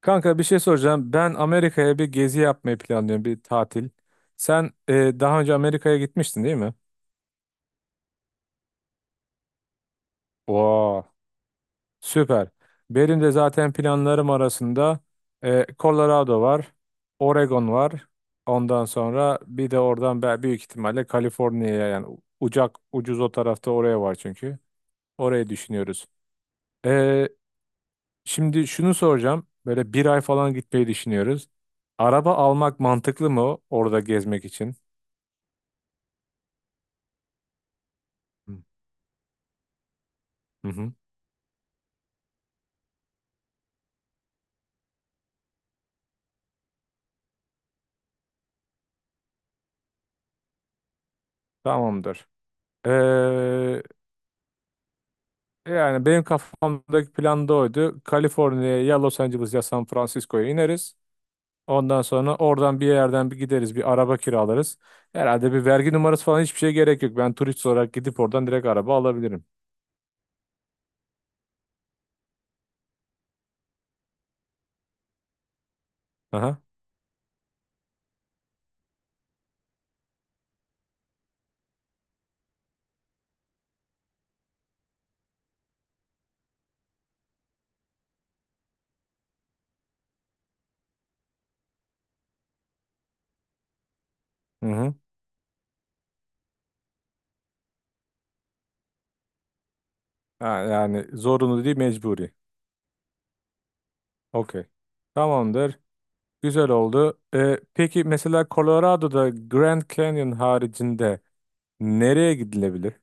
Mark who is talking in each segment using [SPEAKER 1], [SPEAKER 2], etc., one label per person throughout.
[SPEAKER 1] Kanka bir şey soracağım. Ben Amerika'ya bir gezi yapmayı planlıyorum, bir tatil. Sen daha önce Amerika'ya gitmiştin değil mi? Oo, süper. Benim de zaten planlarım arasında Colorado var, Oregon var. Ondan sonra bir de oradan ben büyük ihtimalle Kaliforniya'ya yani ucak ucuz o tarafta oraya var çünkü. Orayı düşünüyoruz. E, Şimdi şunu soracağım. Böyle bir ay falan gitmeyi düşünüyoruz. Araba almak mantıklı mı orada gezmek için? Hı hı. Tamamdır. Ee, Yani benim kafamdaki plan da oydu. Kaliforniya'ya ya Los Angeles ya San Francisco'ya ineriz. Ondan sonra oradan bir yerden bir gideriz, bir araba kiralarız. Herhalde bir vergi numarası falan hiçbir şeye gerek yok. Ben turist olarak gidip oradan direkt araba alabilirim. Aha. Hı hı. Ha, yani zorunlu değil, mecburi. Okey. Tamamdır. Güzel oldu. Peki mesela Colorado'da Grand Canyon haricinde nereye gidilebilir?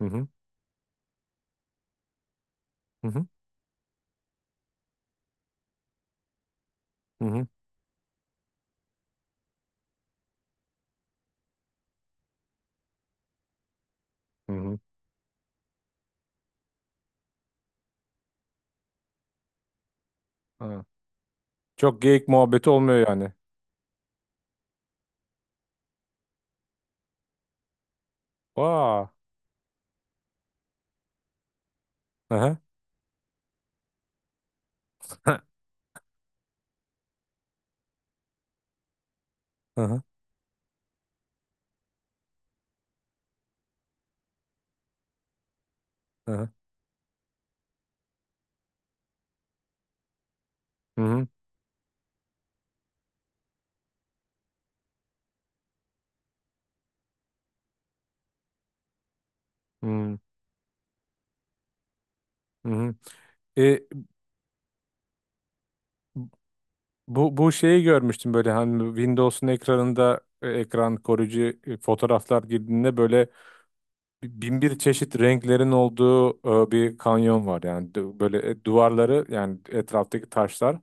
[SPEAKER 1] Hı hı. Hı hı. Hı hı. Hı hı. Hı. Çok geyik muhabbeti olmuyor yani. Vaa. Hı hı. Hı hı. Hı hı. Hı hı. Hı hı. E, bu şeyi görmüştüm böyle hani Windows'un ekranında ekran koruyucu fotoğraflar girdiğinde böyle bin bir çeşit renklerin olduğu bir kanyon var yani böyle duvarları yani etraftaki taşlar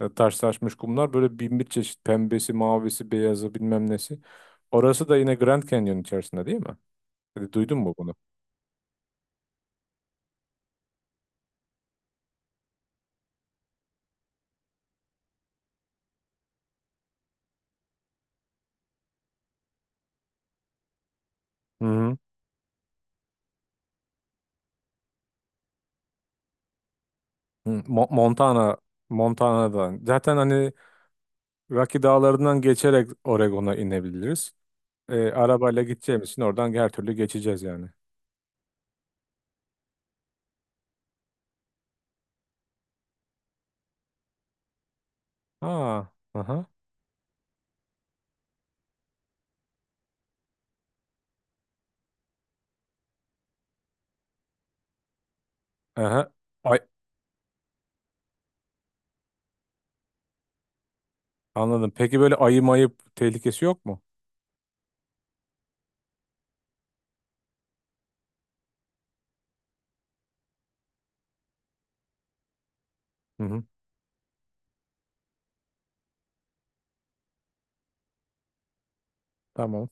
[SPEAKER 1] taşlaşmış kumlar böyle bin bir çeşit pembesi, mavisi, beyazı bilmem nesi. Orası da yine Grand Canyon içerisinde değil mi? Duydun mu bunu? Hı, Mo- Montana, Montana'dan. Zaten hani Rocky Dağları'ndan geçerek Oregon'a inebiliriz. Arabayla gideceğimiz için oradan her türlü geçeceğiz yani. Ha, aha, aha. Ay, anladım. Peki böyle ayı mayıp tehlikesi yok mu? Hı hı, tamam.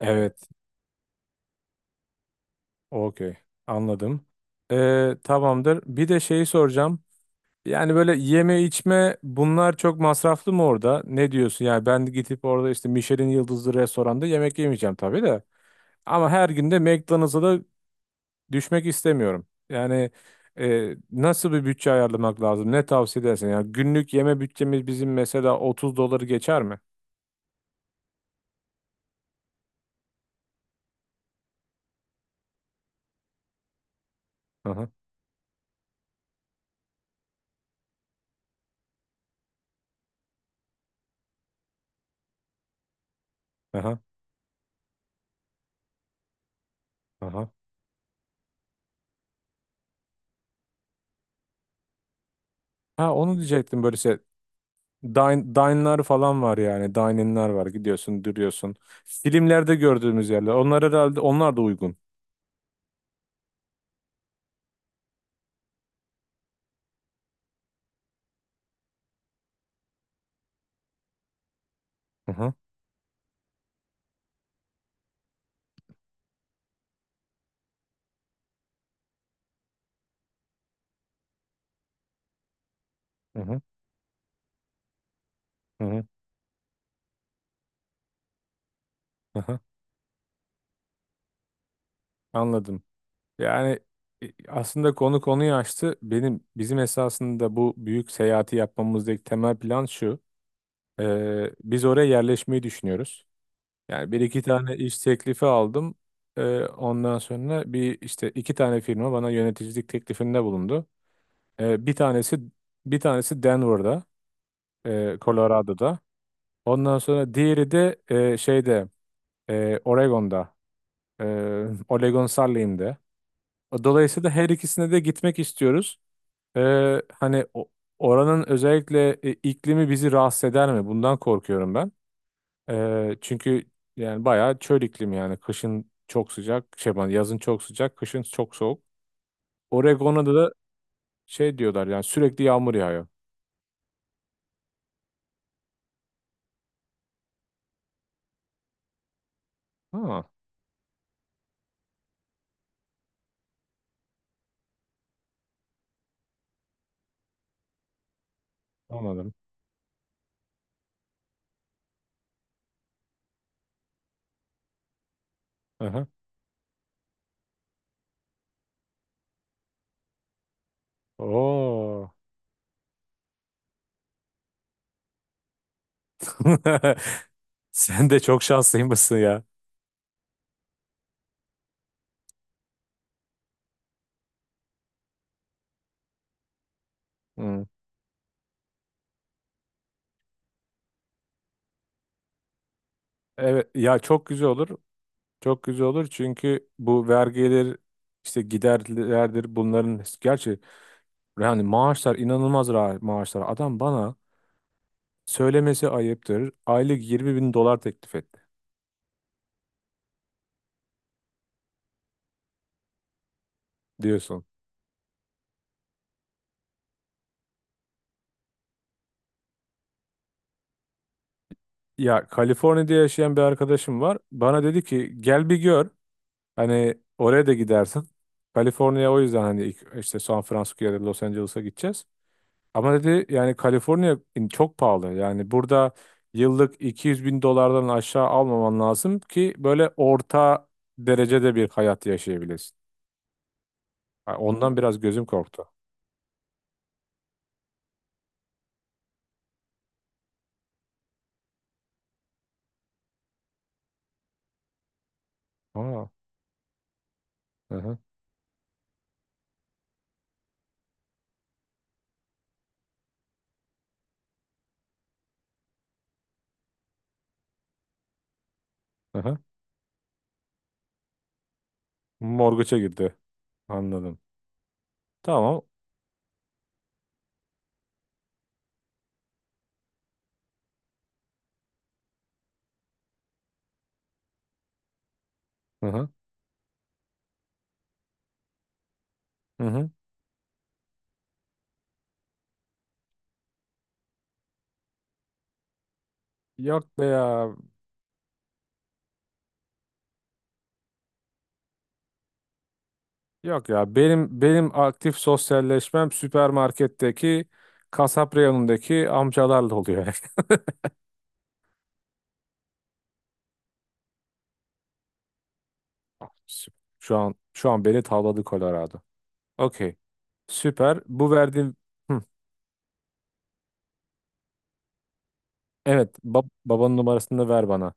[SPEAKER 1] Evet, okey. Anladım. Tamamdır. Bir de şeyi soracağım. Yani böyle yeme içme bunlar çok masraflı mı orada? Ne diyorsun? Yani ben gidip orada işte Michelin yıldızlı restoranda yemek yemeyeceğim tabii de. Ama her gün de McDonald's'a da düşmek istemiyorum. Yani nasıl bir bütçe ayarlamak lazım? Ne tavsiye edersin? Yani günlük yeme bütçemiz bizim mesela 30 doları geçer mi? Aha, aha, aha. Ha onu diyecektim böylese. Dine, dine'lar falan var yani. Dining'ler var. Gidiyorsun, duruyorsun. Filmlerde gördüğümüz yerler. Onlar herhalde onlar da uygun. Aha, aha, aha, aha. Anladım. Yani aslında konu konuyu açtı. Bizim esasında bu büyük seyahati yapmamızdaki temel plan şu. Biz oraya yerleşmeyi düşünüyoruz. Yani bir iki tane iş teklifi aldım. Ondan sonra bir işte iki tane firma bana yöneticilik teklifinde bulundu. Ee, bir tanesi bir tanesi Denver'da, Colorado'da. Ondan sonra diğeri de şeyde Oregon'da, e, Oregon Saarland'da. Dolayısıyla her ikisine de gitmek istiyoruz. Hani oranın özellikle iklimi bizi rahatsız eder mi? Bundan korkuyorum ben. Çünkü yani bayağı çöl iklimi yani kışın çok sıcak, şey ben yazın çok sıcak, kışın çok soğuk. Oregon'da da şey diyorlar yani sürekli yağmur yağıyor. Ha, anladım. Aha. Oo. Sen de çok şanslıymışsın ya. Hı. Evet ya çok güzel olur. Çok güzel olur çünkü bu vergiler işte giderlerdir bunların gerçi. Yani maaşlar inanılmaz maaşlar. Adam bana söylemesi ayıptır. Aylık 20 bin dolar teklif etti diyorsun. Ya Kaliforniya'da yaşayan bir arkadaşım var. Bana dedi ki gel bir gör. Hani oraya da gidersin. Kaliforniya o yüzden hani ilk işte San Francisco'ya da Los Angeles'a gideceğiz. Ama dedi yani Kaliforniya çok pahalı. Yani burada yıllık 200 bin dolardan aşağı almaman lazım ki böyle orta derecede bir hayat yaşayabilesin. Ha, ondan biraz gözüm korktu. Aa. Aha. Aha. Morguça girdi. Anladım. Tamam. Hı hı. Hı hı. Yok be ya. Yok ya. Benim aktif sosyalleşmem süpermarketteki kasap reyonundaki amcalarla oluyor. Süper. Şu an beni tavladı Colorado. Okey. Süper. Bu verdiğim. Hı. Evet, babanın numarasını da ver bana.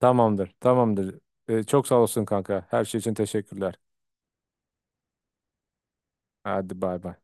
[SPEAKER 1] Tamamdır. Tamamdır. Çok sağ olsun kanka. Her şey için teşekkürler. Hadi bay bay.